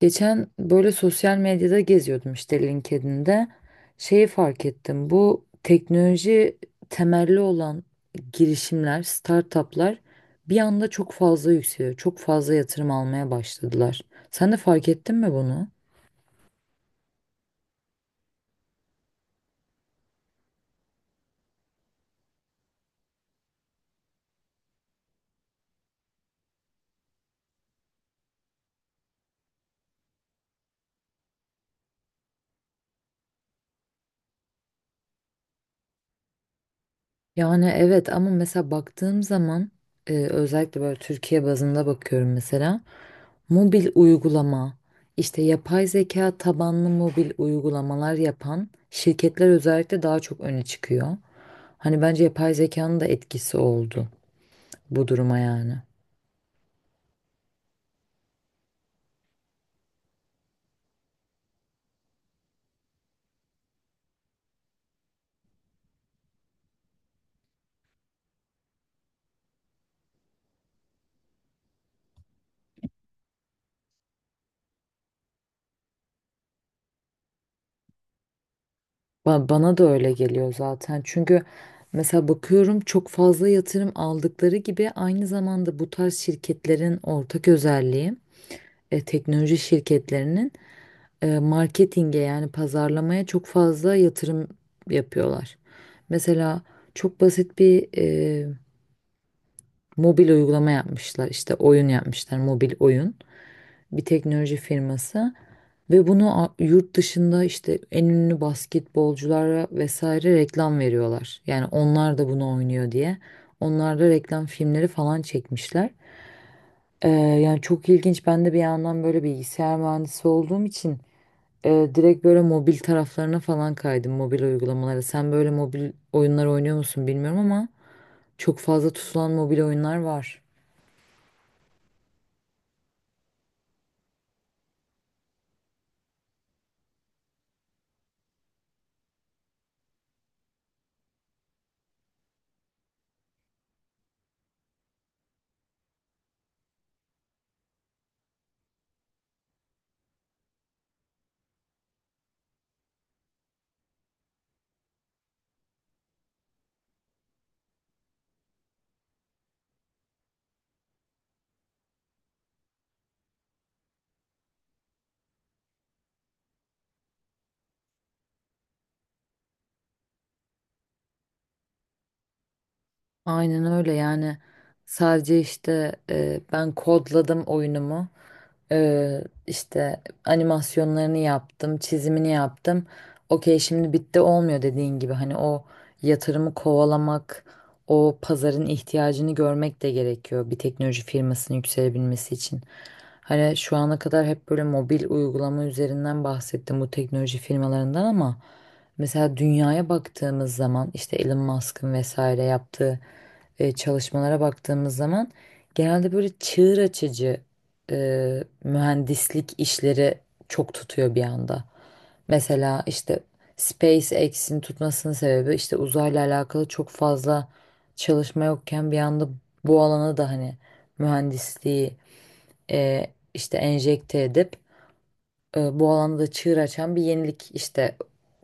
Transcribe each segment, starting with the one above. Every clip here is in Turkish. Geçen böyle sosyal medyada geziyordum işte LinkedIn'de. Şeyi fark ettim. Bu teknoloji temelli olan girişimler, startuplar bir anda çok fazla yükseliyor. Çok fazla yatırım almaya başladılar. Sen de fark ettin mi bunu? Yani evet, ama mesela baktığım zaman özellikle böyle Türkiye bazında bakıyorum mesela mobil uygulama, işte yapay zeka tabanlı mobil uygulamalar yapan şirketler özellikle daha çok öne çıkıyor. Hani bence yapay zekanın da etkisi oldu bu duruma yani. Bana da öyle geliyor zaten, çünkü mesela bakıyorum çok fazla yatırım aldıkları gibi aynı zamanda bu tarz şirketlerin ortak özelliği, teknoloji şirketlerinin marketinge, yani pazarlamaya çok fazla yatırım yapıyorlar. Mesela çok basit bir mobil uygulama yapmışlar. İşte oyun yapmışlar, mobil oyun. Bir teknoloji firması ve bunu yurt dışında işte en ünlü basketbolculara vesaire reklam veriyorlar. Yani onlar da bunu oynuyor diye. Onlar da reklam filmleri falan çekmişler. Yani çok ilginç. Ben de bir yandan böyle bilgisayar mühendisi olduğum için direkt böyle mobil taraflarına falan kaydım, mobil uygulamalara. Sen böyle mobil oyunlar oynuyor musun bilmiyorum ama çok fazla tutulan mobil oyunlar var. Aynen öyle, yani sadece işte ben kodladım oyunumu. İşte animasyonlarını yaptım, çizimini yaptım, okey, şimdi bitti olmuyor dediğin gibi. Hani o yatırımı kovalamak, o pazarın ihtiyacını görmek de gerekiyor bir teknoloji firmasının yükselebilmesi için. Hani şu ana kadar hep böyle mobil uygulama üzerinden bahsettim bu teknoloji firmalarından ama mesela dünyaya baktığımız zaman, işte Elon Musk'ın vesaire yaptığı çalışmalara baktığımız zaman genelde böyle çığır açıcı e, mühendislik işleri çok tutuyor bir anda. Mesela işte SpaceX'in tutmasının sebebi, işte uzayla alakalı çok fazla çalışma yokken bir anda bu alana da hani mühendisliği e, işte enjekte edip bu alanda da çığır açan bir yenilik işte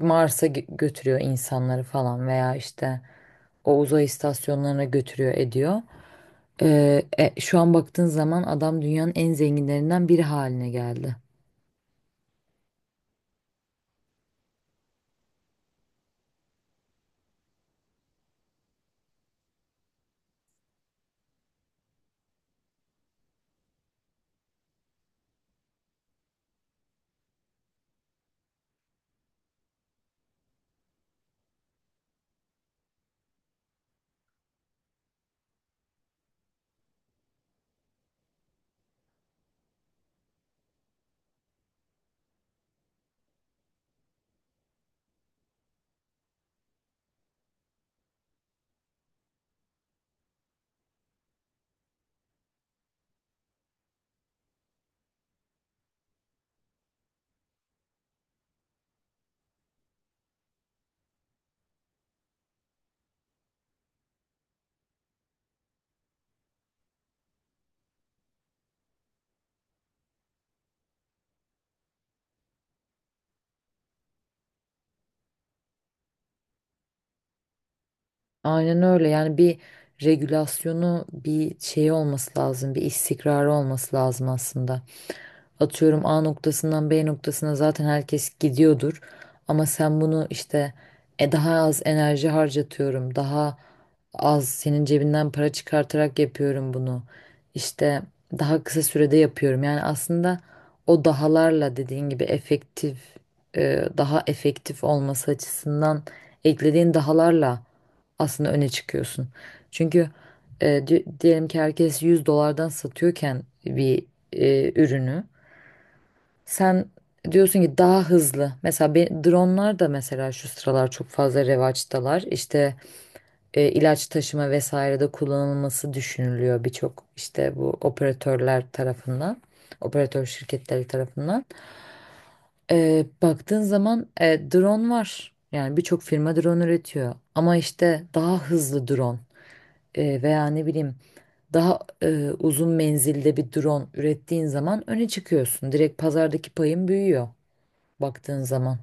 Mars'a götürüyor insanları falan veya işte o uzay istasyonlarına götürüyor ediyor. Şu an baktığın zaman adam dünyanın en zenginlerinden biri haline geldi. Aynen öyle, yani bir regülasyonu, bir şeyi olması lazım, bir istikrarı olması lazım aslında. Atıyorum A noktasından B noktasına zaten herkes gidiyordur. Ama sen bunu işte daha az enerji harcatıyorum. Daha az senin cebinden para çıkartarak yapıyorum bunu. İşte daha kısa sürede yapıyorum. Yani aslında o dahalarla, dediğin gibi efektif, daha efektif olması açısından eklediğin dahalarla aslında öne çıkıyorsun. Çünkü diyelim ki herkes 100 dolardan satıyorken bir ürünü sen diyorsun ki daha hızlı. Mesela dronlar da mesela şu sıralar çok fazla revaçtalar. İşte ilaç taşıma vesairede kullanılması düşünülüyor birçok işte bu operatörler tarafından. Operatör şirketleri tarafından. Baktığın zaman drone var. Yani birçok firma drone üretiyor. Ama işte daha hızlı drone veya ne bileyim daha uzun menzilde bir drone ürettiğin zaman öne çıkıyorsun. Direkt pazardaki payın büyüyor baktığın zaman.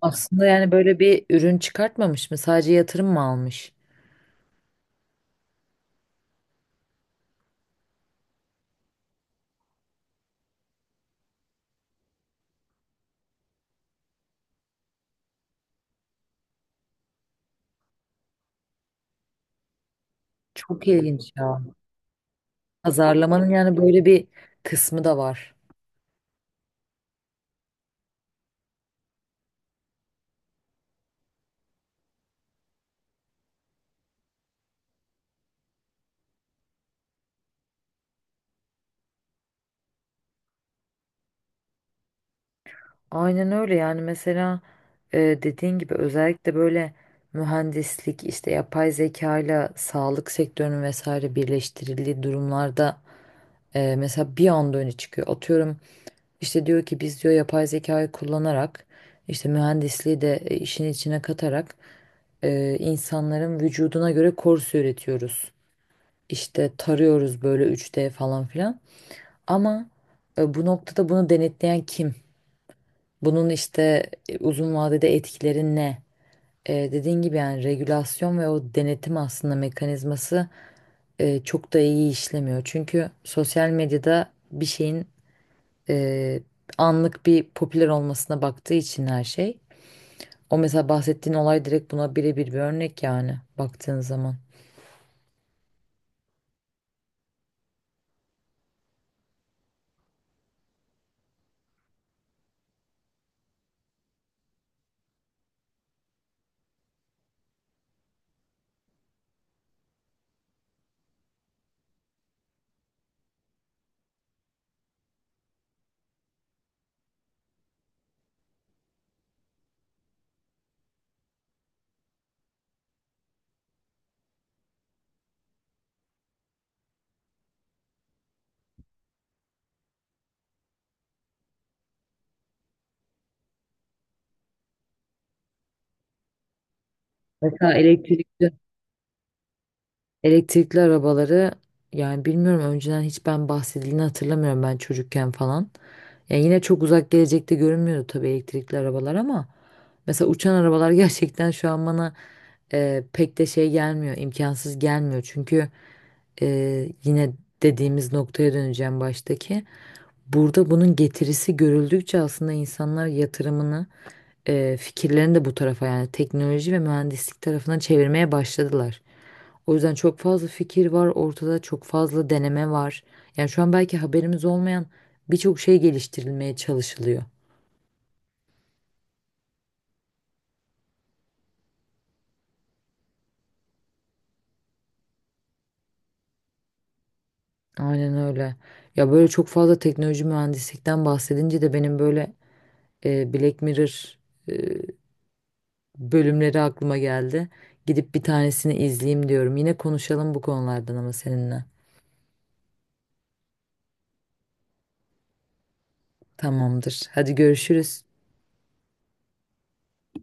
Aslında yani böyle bir ürün çıkartmamış mı? Sadece yatırım mı almış? Çok ilginç ya. Pazarlamanın yani böyle bir kısmı da var. Aynen öyle, yani mesela e, dediğin gibi özellikle böyle mühendislik, işte yapay zeka ile sağlık sektörünün vesaire birleştirildiği durumlarda mesela bir anda öne çıkıyor. Atıyorum, işte diyor ki biz diyor yapay zekayı kullanarak işte mühendisliği de işin içine katarak insanların vücuduna göre korse üretiyoruz. İşte tarıyoruz böyle 3D falan filan. Ama bu noktada bunu denetleyen kim? Bunun işte uzun vadede etkileri ne? Dediğin gibi yani regülasyon ve o denetim aslında mekanizması çok da iyi işlemiyor. Çünkü sosyal medyada bir şeyin e, anlık bir popüler olmasına baktığı için her şey. O mesela bahsettiğin olay direkt buna birebir bir örnek yani baktığın zaman. Mesela elektrikli Elektrikli arabaları, yani bilmiyorum önceden hiç ben bahsedildiğini hatırlamıyorum ben çocukken falan. Yani yine çok uzak gelecekte görünmüyordu tabii elektrikli arabalar ama mesela uçan arabalar gerçekten şu an bana pek de şey gelmiyor, imkansız gelmiyor. Çünkü e, yine dediğimiz noktaya döneceğim baştaki. Burada bunun getirisi görüldükçe aslında insanlar yatırımını, fikirlerini de bu tarafa, yani teknoloji ve mühendislik tarafına çevirmeye başladılar. O yüzden çok fazla fikir var ortada, çok fazla deneme var. Yani şu an belki haberimiz olmayan birçok şey geliştirilmeye çalışılıyor. Aynen öyle. Ya böyle çok fazla teknoloji mühendislikten bahsedince de benim böyle Black Mirror e, bölümleri aklıma geldi. Gidip bir tanesini izleyeyim diyorum. Yine konuşalım bu konulardan ama seninle. Tamamdır. Hadi görüşürüz.